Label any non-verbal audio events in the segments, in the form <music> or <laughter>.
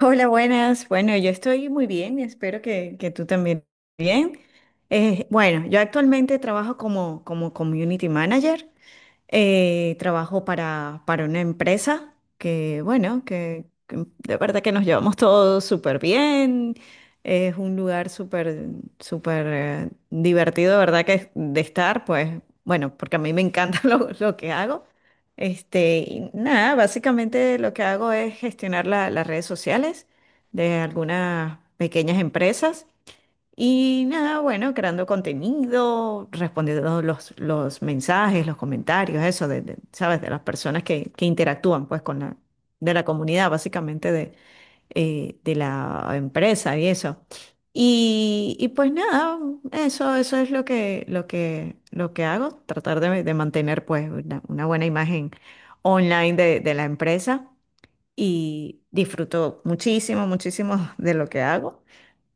Hola, buenas. Bueno, yo estoy muy bien y espero que tú también bien. Bueno, yo actualmente trabajo como community manager. Trabajo para una empresa que de verdad que nos llevamos todos súper bien. Es un lugar súper, súper divertido, de verdad que es de estar, pues, bueno, porque a mí me encanta <laughs> lo que hago. Y nada, básicamente lo que hago es gestionar las redes sociales de algunas pequeñas empresas. Y nada, bueno, creando contenido, respondiendo los mensajes, los comentarios, eso, ¿sabes? De las personas que interactúan, pues, de la comunidad, básicamente, de la empresa y eso. Y pues nada, eso es lo lo que hago, tratar de mantener, pues, una buena imagen online de la empresa y disfruto muchísimo, muchísimo de lo que hago.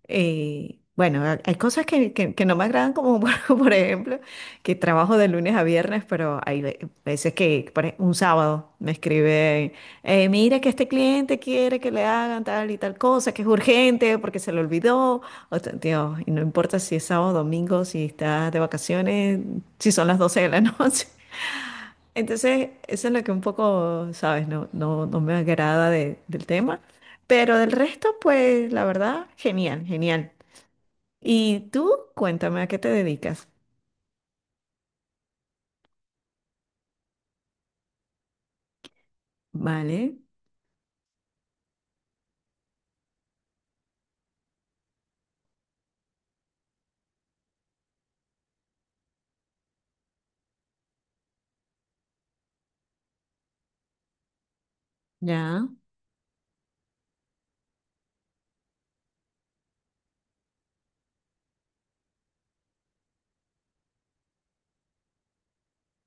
Hay cosas que no me agradan, como <laughs> por ejemplo, que trabajo de lunes a viernes, pero hay veces que un sábado me escribe, mira que este cliente quiere que le hagan tal y tal cosa, que es urgente porque se le olvidó. O sea, Dios, y no importa si es sábado, domingo, si estás de vacaciones, si son las 12 de la noche. <laughs> Entonces, eso es lo que un poco, ¿sabes? No me agrada del tema. Pero del resto, pues la verdad, genial, genial. Y tú, cuéntame a qué te dedicas. Vale, ya.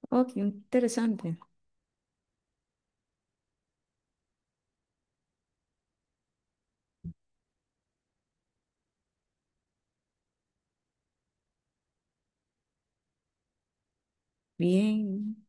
Oh, qué interesante. Bien.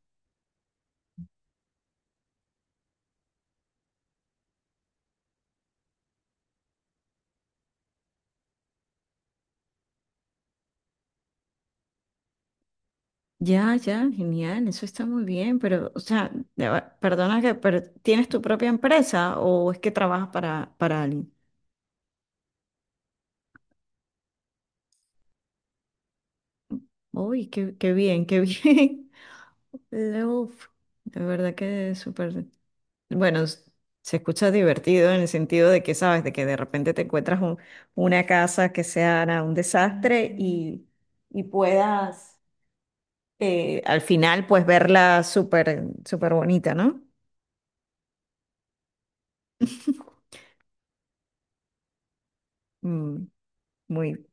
Ya, ya, genial, eso está muy bien, pero, o sea, ya va, perdona que, pero ¿tienes tu propia empresa o es que trabajas para alguien? Uy, qué, qué bien, qué bien. <laughs> Uf, de verdad que es súper. Bueno, se escucha divertido en el sentido de que, sabes, de que de repente te encuentras una casa que sea nada, un desastre y puedas. Al final, pues verla súper, súper bonita, ¿no? <laughs> Mm, muy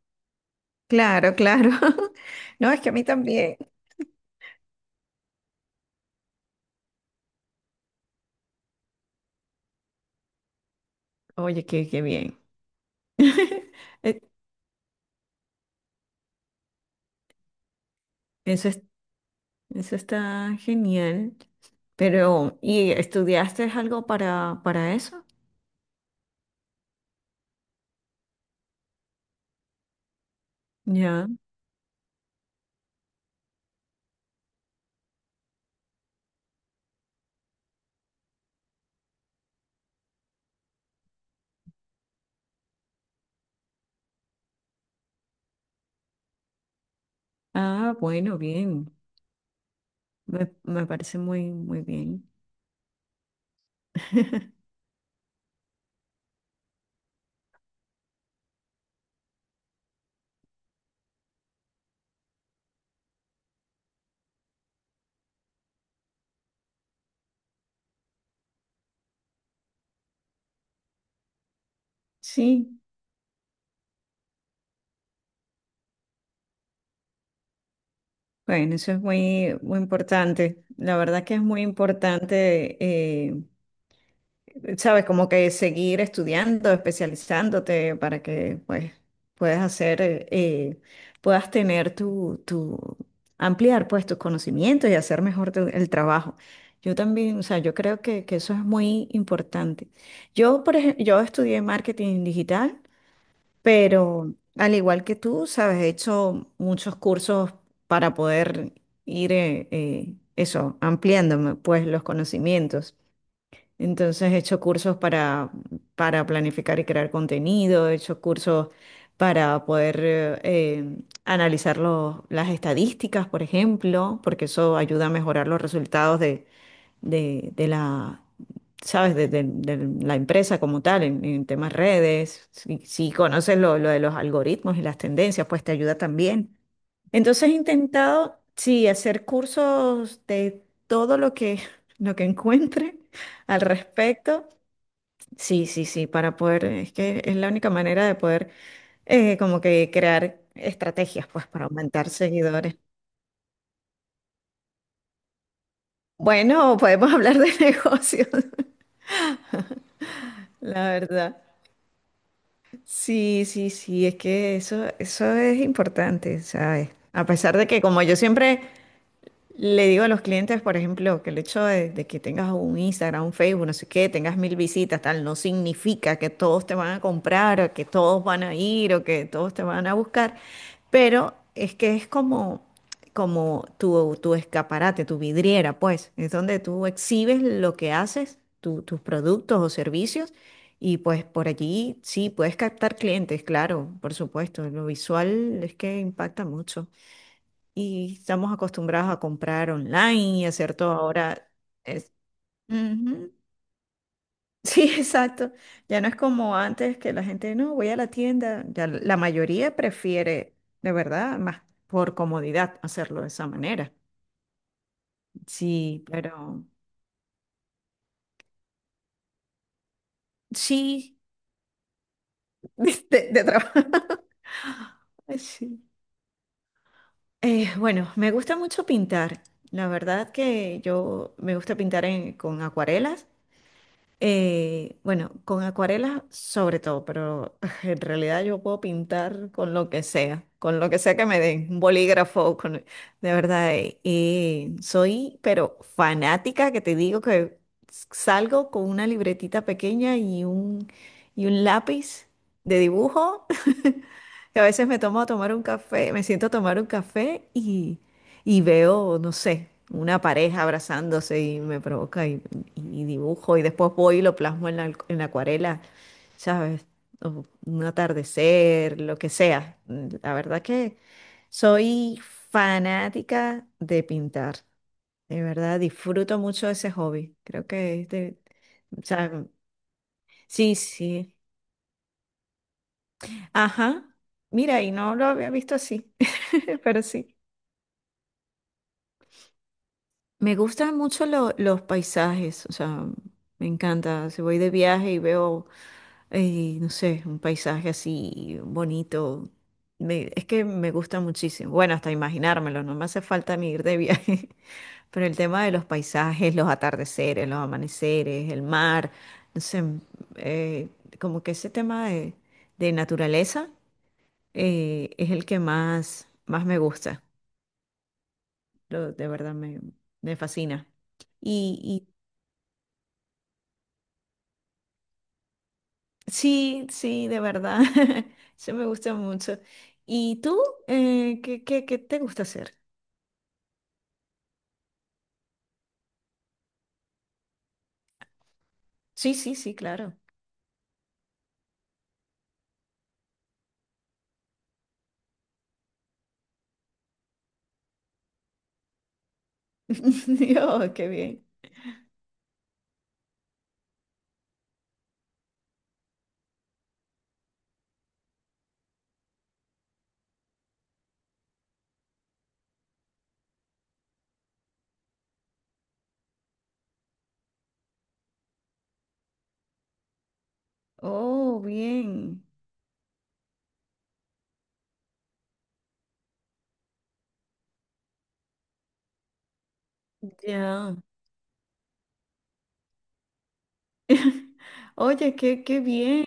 claro, claro. <laughs> No, es que a mí también. Oye, qué, qué bien. <laughs> Eh, Eso es- Eso está genial. Pero, ¿y estudiaste algo para eso? Ya. Ah, bueno, bien. Me parece muy, muy bien. <laughs> Sí, bueno, eso es muy, muy importante. La verdad que es muy importante eh, sabes, como que seguir estudiando, especializándote para que pues puedas hacer, puedas tener tu, ampliar pues tus conocimientos y hacer mejor el trabajo. Yo también, o sea, yo creo que eso es muy importante. Yo, por ejemplo, yo estudié marketing digital, pero al igual que tú, sabes, he hecho muchos cursos para poder ir, eso, ampliándome pues los conocimientos. Entonces he hecho cursos para planificar y crear contenido, he hecho cursos para poder analizar las estadísticas, por ejemplo, porque eso ayuda a mejorar los resultados de la, ¿sabes? De la empresa como tal, en temas redes. Si conoces lo de los algoritmos y las tendencias, pues te ayuda también. Entonces he intentado, sí, hacer cursos de todo lo que, <laughs> lo que encuentre al respecto. Sí, sí, sí, para poder, es que es la única manera de poder como que crear estrategias, pues, para aumentar seguidores. Bueno, podemos hablar de <laughs> negocios, la verdad. Sí, sí, sí, es que eso es importante, ¿sabes? A pesar de que como yo siempre le digo a los clientes, por ejemplo, que el hecho de que tengas un Instagram, un Facebook, no sé qué, tengas mil visitas, tal, no significa que todos te van a comprar o que todos van a ir o que todos te van a buscar, pero es que es como, como tu escaparate, tu vidriera, pues, es donde tú exhibes lo que haces, tus productos o servicios, y pues por allí sí puedes captar clientes, claro, por supuesto, lo visual es que impacta mucho y estamos acostumbrados a comprar online y hacer todo ahora. Es, ujú. Sí, <laughs> exacto. Ya no es como antes que la gente, no, voy a la tienda. Ya la mayoría prefiere, de verdad, más por comodidad hacerlo de esa manera. Sí, pero sí, <laughs> de trabajo. <laughs> Ay, sí. Bueno, me gusta mucho pintar. La verdad que yo me gusta pintar con acuarelas. Bueno, con acuarelas sobre todo, pero <laughs> en realidad yo puedo pintar con lo que sea, con lo que sea que me den, un bolígrafo, con, de verdad, soy pero fanática que te digo que salgo con una libretita pequeña y y un lápiz de dibujo que a veces me tomo a tomar un café, me siento a tomar un café y veo, no sé, una pareja abrazándose y me provoca y dibujo y después voy y lo plasmo en la acuarela, ¿sabes? O un atardecer, lo que sea. La verdad que soy fanática de pintar, de verdad, disfruto mucho ese hobby. Creo que es de, o sea, sí, sí. Ajá. Mira, y no lo había visto así, <laughs> pero sí. Me gustan mucho los paisajes, o sea, me encanta. Si voy de viaje y veo, no sé, un paisaje así bonito, es que me gusta muchísimo. Bueno, hasta imaginármelo, no me hace falta ni ir de viaje. <laughs> Pero el tema de los paisajes, los atardeceres, los amaneceres, el mar, no sé, eh, como que ese tema de naturaleza es el que más, más me gusta. De verdad me, me fascina. Y sí, sí, de verdad. <laughs> Eso me gusta mucho. ¿Y tú? ¿Qué, qué, qué te gusta hacer? Sí, sí, sí, claro. <laughs> Dios, qué bien. Oh, bien. Ya. <laughs> Oye, qué, qué bien.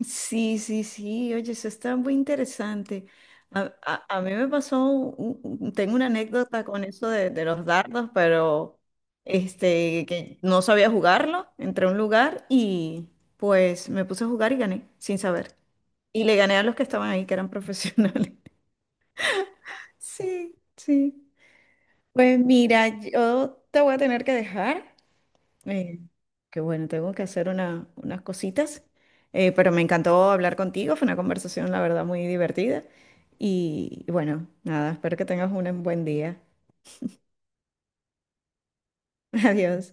Sí, sí, sí, oye, eso está muy interesante. A mí me pasó, tengo una anécdota con eso de los dardos, pero que no sabía jugarlo, entré a un lugar y pues me puse a jugar y gané, sin saber. Y le gané a los que estaban ahí, que eran profesionales. <laughs> Sí, sí. Pues mira, yo te voy a tener que dejar. Eh, que bueno, tengo que hacer unas cositas, pero me encantó hablar contigo, fue una conversación, la verdad, muy divertida. Y bueno, nada, espero que tengas un buen día. <laughs> Adiós.